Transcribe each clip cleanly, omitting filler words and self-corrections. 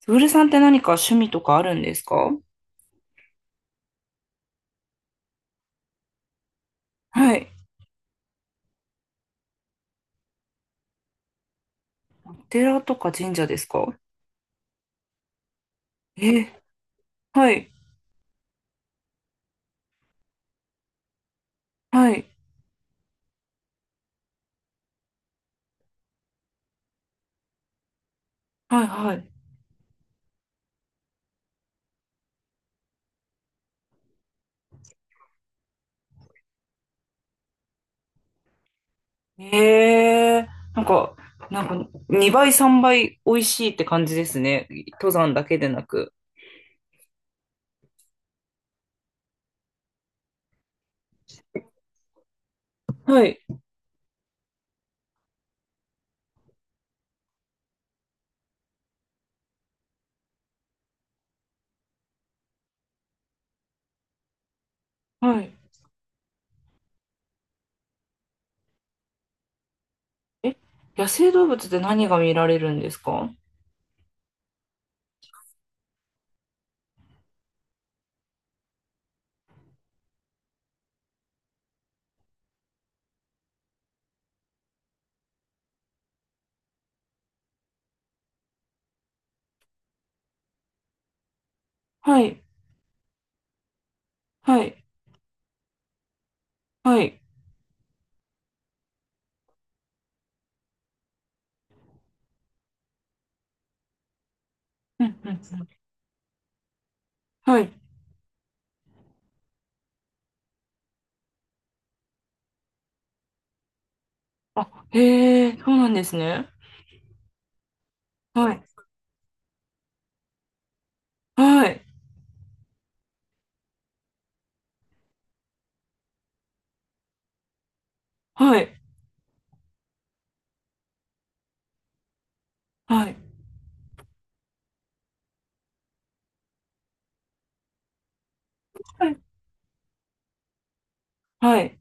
つぶるさんって何か趣味とかあるんですか？はい。お寺とか神社ですか？え、はい、はい、はい、はい。えー、なんか、なんか、2倍、3倍美味しいって感じですね。登山だけでなく。はい。はい。え、野生動物って何が見られるんですか？はい。はい。はい。うん、うん、うん。はい。あ、へえ、そうなんですね。はい。はい。はい。はい。はい。はい。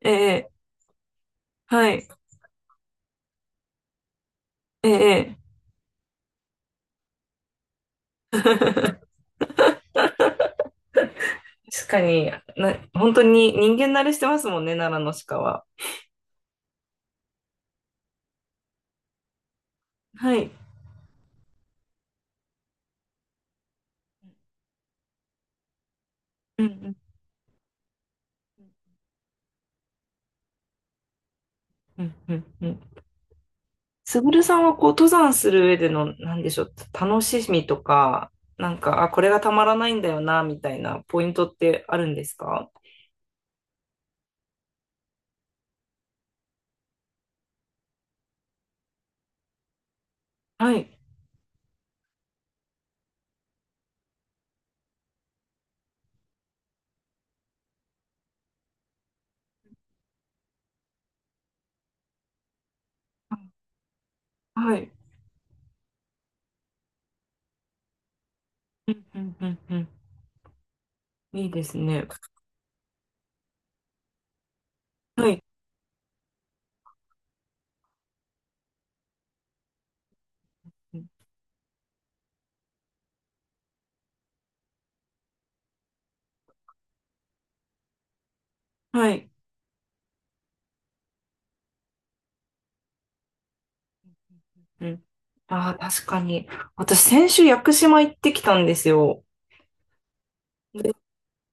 ええ、はい、ええ。確かに。本当に人間慣れしてますもんね、奈良の鹿は。はい。うんうんうんうんうん。すぐるさんはこう登山する上での、なんでしょう、楽しみとか、なんか、あ、これがたまらないんだよな、みたいなポイントってあるんですか？はい。はい。うんうんうんうん。いいですね。はい。はい。うん。ああ、確かに。私、先週屋久島行ってきたんですよ。で、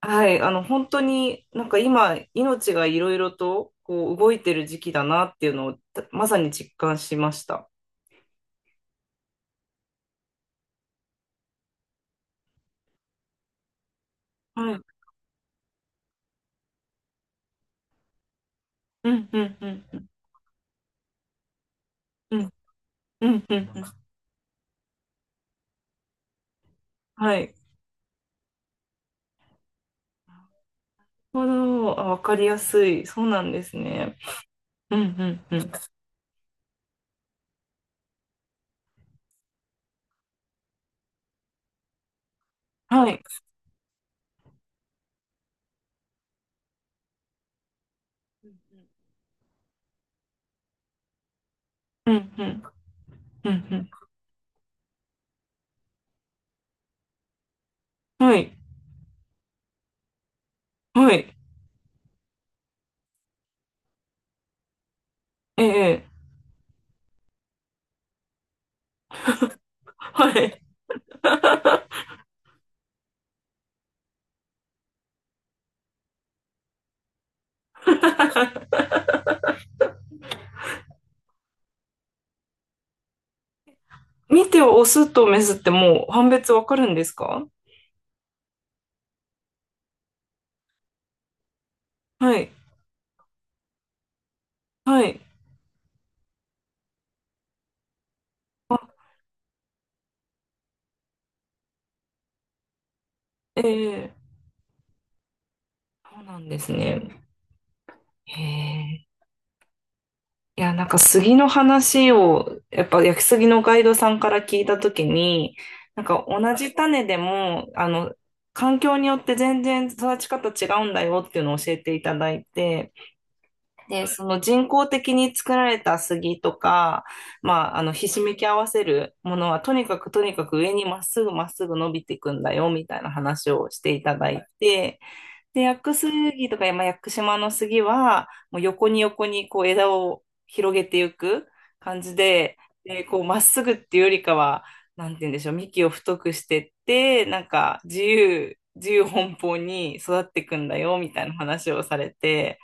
はい、本当になんか今、命がいろいろとこう動いてる時期だなっていうのをたまさに実感しました。はい。うんうんうんうんうんうんうん。はい。なるほど。あ、わかりやすい。そうなんですね。うんうんうん。はい。うんうんうんうん。はい。はい。ええ。はい。見てオスとメスってもう判別わかるんですか？はい。はい。ええ。そうなんですね。へえ。いや、なんか杉の話を、やっぱ焼き杉のガイドさんから聞いたときに、なんか同じ種でも、環境によって全然育ち方違うんだよっていうのを教えていただいて、で、その人工的に作られた杉とか、ひしめき合わせるものは、とにかくとにかく上にまっすぐまっすぐ伸びていくんだよ、みたいな話をしていただいて、で、屋久杉とか、まあ、屋久島の杉は、もう横に横にこう枝を広げていく感じで、で、こうまっすぐっていうよりかは、なんて言うんでしょう、幹を太くしてって、なんか自由、自由奔放に育っていくんだよ、みたいな話をされて、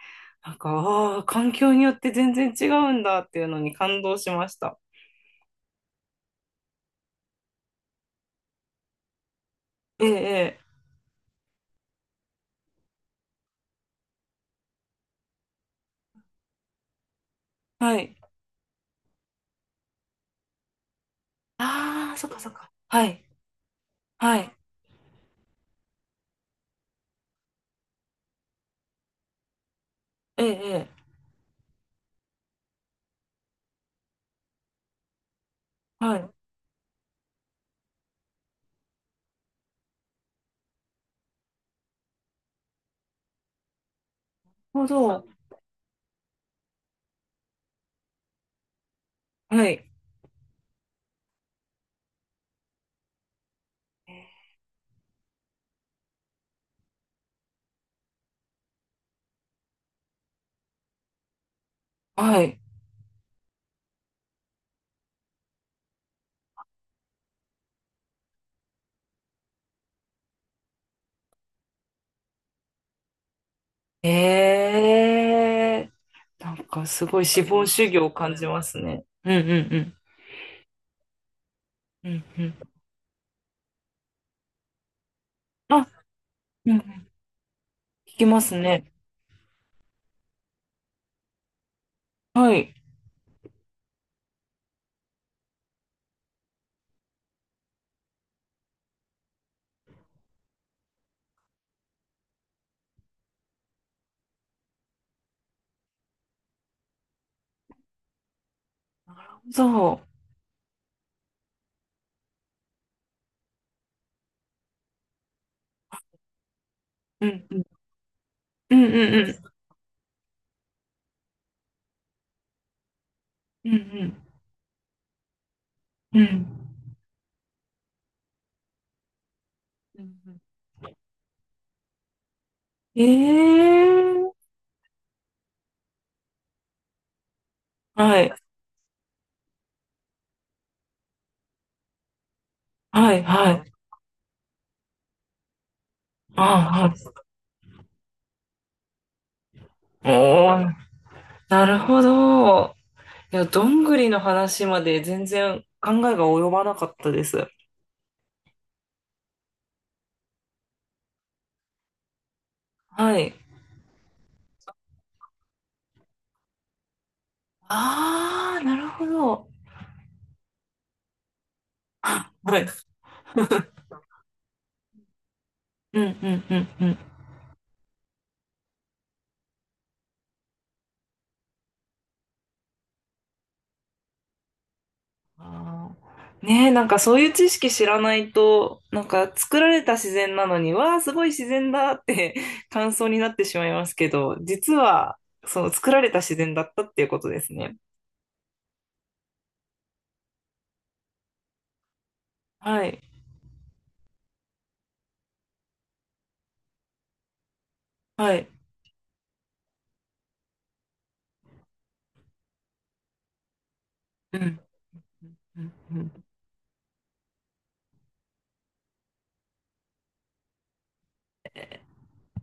なんか、ああ、環境によって全然違うんだっていうのに感動しました。ええ、ええ、はい。ああ、そっかそっか。はい。はい。ええ、ええ、はい。なるほど。はい。はい。ええ。なんかすごい資本主義を感じますね。うんうんうん。うんうん。あ、うん、聞きますね。はい。そう。うんうん。うんうんうん。うんうん。うんうん。ええ。はい。はい。はい。あ、はい。おー、なるほど。いや、どんぐりの話まで全然考えが及ばなかったです。はい。ああ、なるほど。はい。うん、うん、うん、うん。あーねえ、なんかそういう知識知らないと、なんか作られた自然なのに、わあ、すごい自然だって 感想になってしまいますけど、実は、その作られた自然だったっていうことですね。はい。はい。うん。うん。うん。